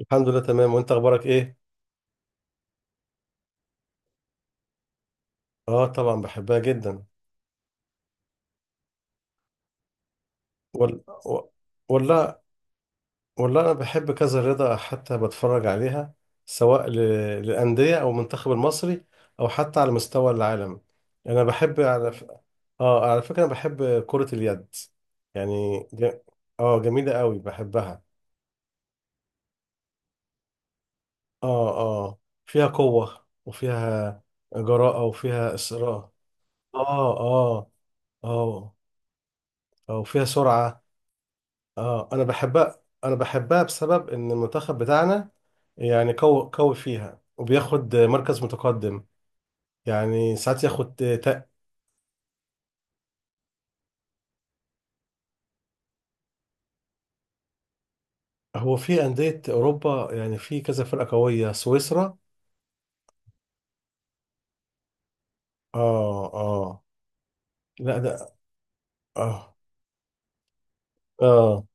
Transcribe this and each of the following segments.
الحمد لله، تمام. وانت اخبارك ايه؟ اه، طبعا بحبها جدا. وال... و- ولا ولا انا بحب كذا رياضه، حتى بتفرج عليها، سواء للانديه او المنتخب المصري، او حتى على مستوى العالم. انا بحب على ف... اه على فكره، انا بحب كره اليد. يعني ج... اه جميله قوي، بحبها. اه اه فيها قوه، وفيها جراءه، وفيها اصرار. اه اه اه اه وفيها سرعه. اه انا بحبها، انا بحبها بسبب ان المنتخب بتاعنا يعني قوي قوي فيها، وبياخد مركز متقدم. يعني ساعات ياخد تق. هو في أندية أوروبا، يعني في كذا فرقة قوية، سويسرا. اه اه لا، ده. اه اه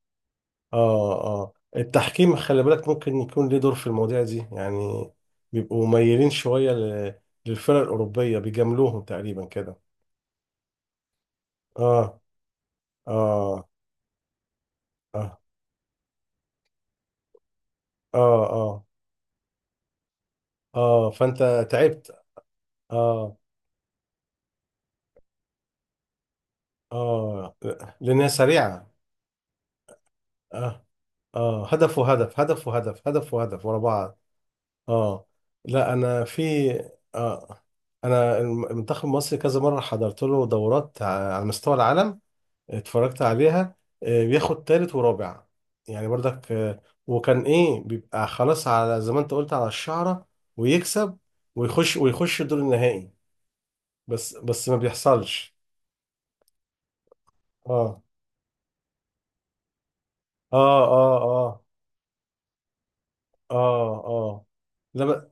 اه التحكيم، خلي بالك ممكن يكون ليه دور في المواضيع دي يعني. بيبقوا ميالين شوية للفرق الأوروبية، بيجاملوهم تقريبا كده. اه اه اه اه اه اه فانت تعبت. اه اه لأنها سريعة. اه اه هدف وهدف، هدف وهدف، هدف وهدف ورا بعض. اه لا، أنا في. آه أنا المنتخب المصري كذا مرة حضرت له دورات على مستوى العالم، اتفرجت عليها. بياخد تالت ورابع يعني، برضك، وكان إيه بيبقى خلاص، على زي ما أنت قلت، على الشعرة، ويكسب، ويخش الدور النهائي. بس ما بيحصلش. اه اه اه اه اه اه لا،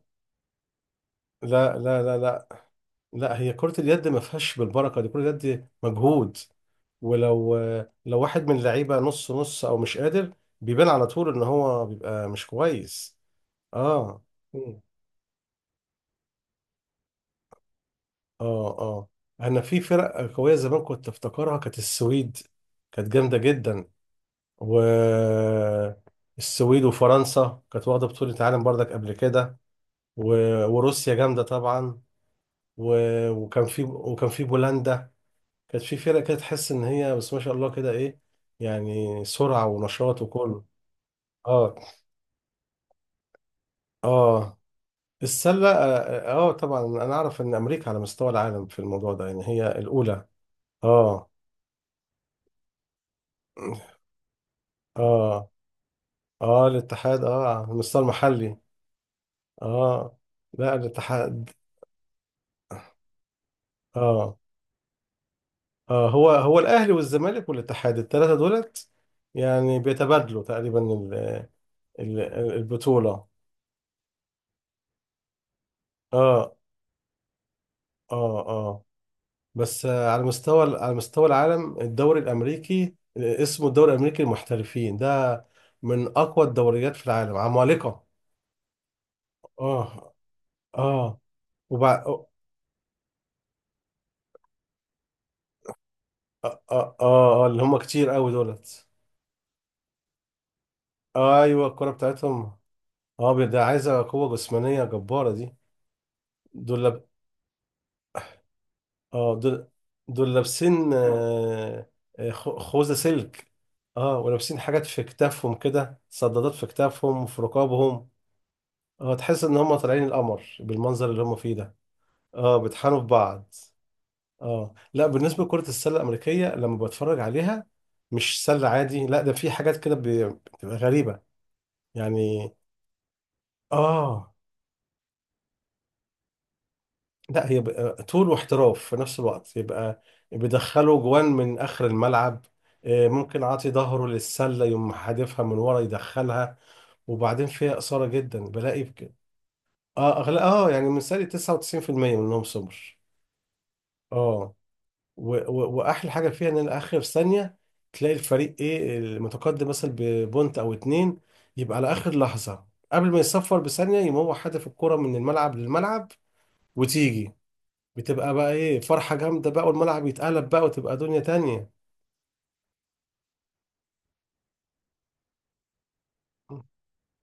لا، لا، لا، لا. لا، هي كرة اليد ما فيهاش بالبركة، دي كرة اليد مجهود. ولو واحد من اللعيبة نص نص، او مش قادر، بيبان على طول ان هو بيبقى مش كويس. اه. مم. اه اه انا في فرق قوية زمان كنت افتكرها، كانت السويد، كانت جامدة جدا. و السويد وفرنسا كانت واخدة بطولة عالم بردك قبل كده. و... وروسيا جامدة طبعا. و... وكان في بولندا، كانت في فرق كده تحس ان هي، بس ما شاء الله كده ايه، يعني سرعة ونشاط وكل. اه اه السلة. طبعا انا اعرف ان امريكا على مستوى العالم في الموضوع ده، يعني هي الاولى. اه اه اه الاتحاد، على المستوى المحلي. اه لا، الاتحاد. اه اه هو الاهلي والزمالك والاتحاد، الثلاثة دولت يعني بيتبادلوا تقريبا ال- البطولة. اه اه اه بس، على مستوى العالم، الدوري الامريكي، اسمه الدوري الامريكي المحترفين، ده من اقوى الدوريات في العالم، عمالقه. اه اه وبع... اه اه, آه, آه اللي هم كتير قوي دولت. ايوه، الكرة بتاعتهم. اه ده عايزه قوه جسمانيه جباره دي. دول لاب... اه دول دول لابسين، خوذه سلك. اه ولابسين حاجات في كتافهم كده، صدادات في كتافهم وفي رقابهم. اه تحس ان هم طالعين القمر بالمنظر اللي هم فيه ده. اه بيطحنوا في بعض. اه لا، بالنسبه لكره السله الامريكيه لما بتفرج عليها، مش سله عادي، لا، ده في حاجات كده بتبقى غريبه يعني. اه لا، هي بقى طول واحتراف في نفس الوقت، يبقى بيدخلوا جوان من اخر الملعب. ممكن عاطي ظهره للسله، يقوم حادفها من ورا يدخلها. وبعدين فيها اثاره جدا، بلاقي بك... اه أغلى... اه يعني من سالي، 99% منهم سمر. اه واحلى حاجه فيها ان أنا اخر ثانيه، تلاقي الفريق ايه، المتقدم مثلا ببونت او اتنين، يبقى على اخر لحظه، قبل ما يصفر بثانيه، يقوم هو حادف الكره من الملعب للملعب، وتيجي، بتبقى بقى ايه فرحه جامده بقى، والملعب يتقلب بقى، وتبقى دنيا تانية.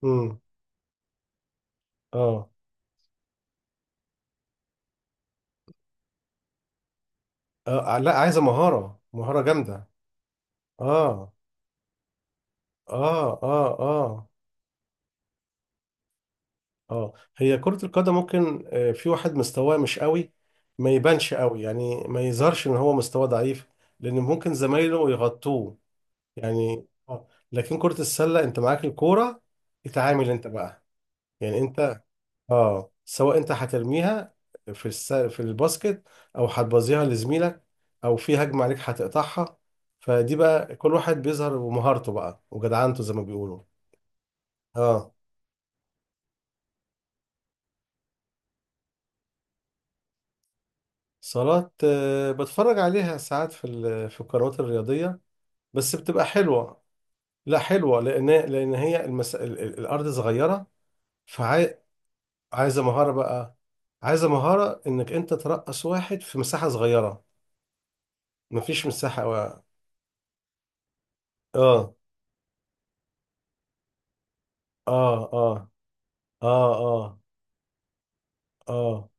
امم اه لا، عايزه مهاره، مهاره جامده. اه اه اه اه اه هي كرة القدم ممكن، في واحد مستواه مش قوي، ما يبانش قوي، يعني ما يظهرش ان هو مستواه ضعيف، لان ممكن زمايله يغطوه يعني. اه لكن كرة السلة، انت معاك الكورة، اتعامل انت بقى. يعني انت، اه سواء انت هترميها في الباسكت، او هتبظيها لزميلك، او في هجمة عليك هتقطعها، فدي بقى كل واحد بيظهر بمهارته بقى، وجدعنته زي ما بيقولوا. اه صالات. بتفرج عليها ساعات في القنوات الرياضية، بس بتبقى حلوة. لا، حلوة لأن هي الأرض صغيرة، فعايزة مهارة بقى، عايزة مهارة إنك أنت ترقص واحد في مساحة صغيرة، مفيش مساحة. و... آه آه آه آه آه آه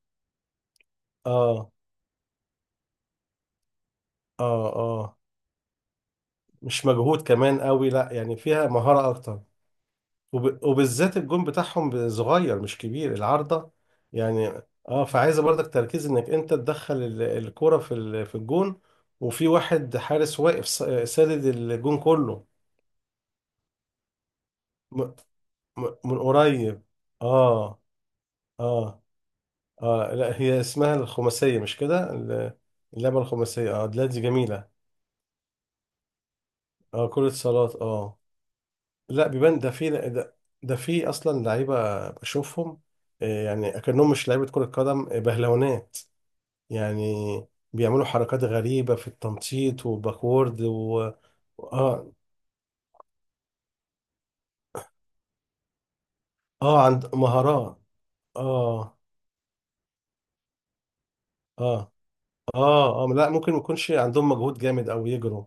آه آه آه مش مجهود كمان قوي، لا يعني فيها مهارة أكتر. وبالذات الجون بتاعهم صغير، مش كبير العارضة يعني. اه فعايزة برضك تركيز انك انت تدخل الكرة في الجون، وفي واحد حارس واقف سادد الجون كله، م... من قريب. اه اه اه لا، هي اسمها الخماسية، مش كده اللعبة الخماسية. اه لا، دي جميلة. اه كرة صالات. اه لا، بيبان ده في ده، ده في اصلا لعيبة بشوفهم، يعني اكنهم مش لعيبة كرة قدم، بهلونات يعني، بيعملوا حركات غريبة في التنطيط وباكورد و... اه اه عند مهارات. اه اه اه لا، ممكن ما يكونش عندهم مجهود جامد، او يجروا.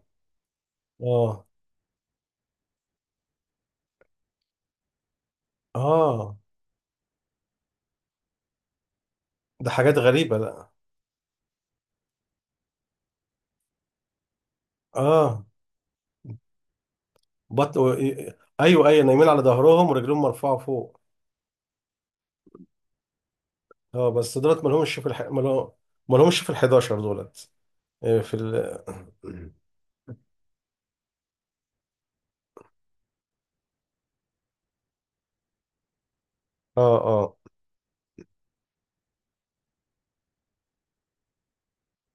اه اه ده حاجات غريبة، لا. اه بط و... ايوه، ايوه، نايمين على ظهرهم ورجلهم مرفوعة فوق. اه بس دولت ما لهمش ما لهمش في ال 11 دولت. آه، في ال اه آه.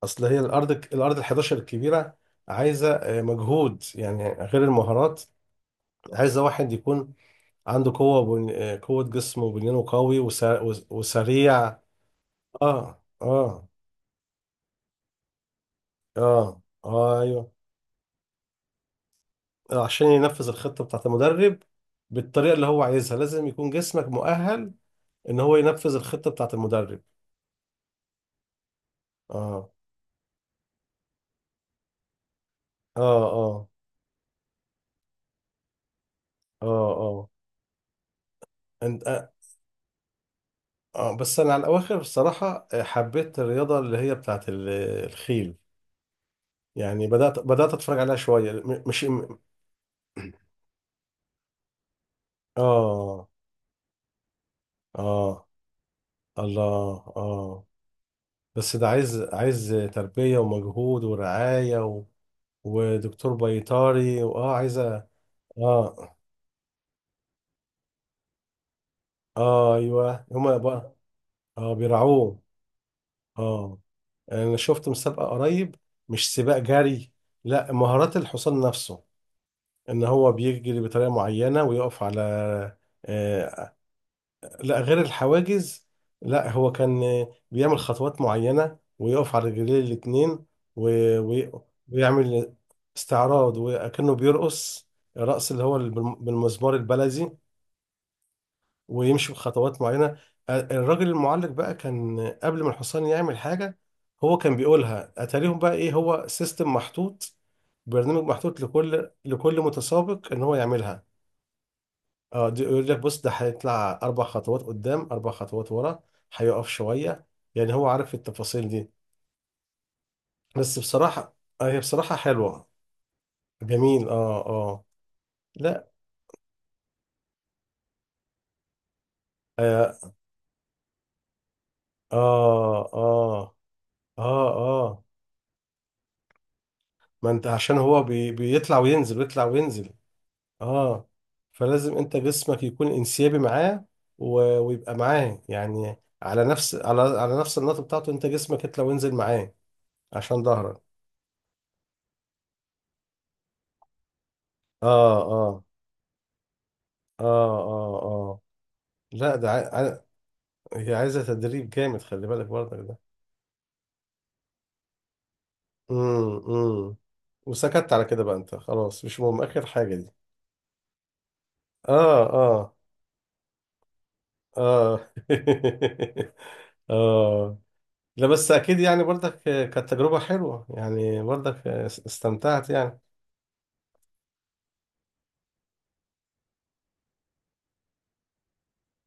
اصل هي الارض ال 11 الكبيره، عايزه، مجهود يعني غير المهارات، عايزه واحد يكون عنده قوه قوه جسم، وبنيانه قوي، وسريع. اه اه ايوه، عشان ينفذ الخطه بتاعت المدرب، بالطريقه اللي هو عايزها، لازم يكون جسمك مؤهل ان هو ينفذ الخطه بتاعت المدرب. اه اه اه اه اه أنت- آه بس انا على الاواخر، الصراحه، حبيت الرياضه اللي هي بتاعت الخيل. يعني بدأت أتفرج عليها شوية. م- مش م- آه آه الله. بس ده عايز تربية ومجهود ورعاية ودكتور بيطري، عايزة. آه أيوه، هما بقى. بيرعوه. آه أنا شفت مسابقة قريب، مش سباق جري، لا، مهارات الحصان نفسه، إن هو بيجري بطريقة معينة، ويقف على... آه، لا، غير الحواجز. لا، هو كان بيعمل خطوات معينة، ويقف على رجليه الاتنين، و- وي- ويعمل استعراض، وكأنه بيرقص، الرقص اللي هو بالمزمار البلدي، ويمشي بخطوات معينة. الراجل المعلق بقى، كان قبل ما الحصان يعمل حاجة، هو كان بيقولها. أتاريهم بقى إيه، هو سيستم محطوط، برنامج محطوط لكل متسابق إن هو يعملها. اه دي يقول لك بص، ده هيطلع اربع خطوات قدام، اربع خطوات ورا، هيقف شويه، يعني هو عارف التفاصيل دي. بس بصراحه، هي بصراحه حلوه، جميل. اه اه لا اه اه اه اه, آه. ما انت عشان هو بيطلع وينزل، ويطلع وينزل. اه فلازم انت جسمك يكون انسيابي معاه، ويبقى معاه يعني، على نفس النقطه بتاعته، انت جسمك يطلع وينزل معاه، عشان ظهرك. اه اه اه اه اه لا، ده هي عايزة تدريب جامد، خلي بالك برضك ده. امم امم وسكت على كده بقى، انت خلاص مش مهم اخر حاجة دي. اه اه اه اه لا، بس اكيد، يعني برضك كانت تجربة حلوة، يعني برضك استمتعت يعني.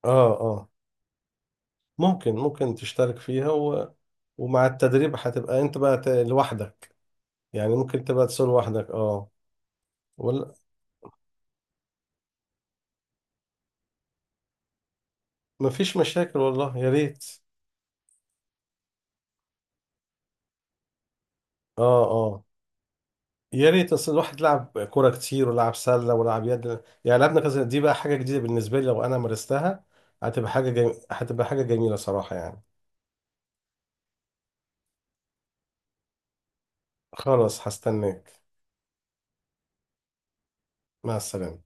اه اه ممكن تشترك فيها، ومع التدريب هتبقى انت بقى لوحدك، يعني ممكن تبقى تسوق لوحدك. اه ولا مفيش مشاكل، والله يا ريت. اه اه يا ريت، اصل الواحد لعب كوره كتير، ولعب سله، ولعب يد، يعني لعبنا كذا. دي بقى حاجه جديده بالنسبه لي، لو انا مارستها هتبقى حاجه جميله، هتبقى حاجه جميله صراحه يعني. خلاص، هستناك. مع السلامه.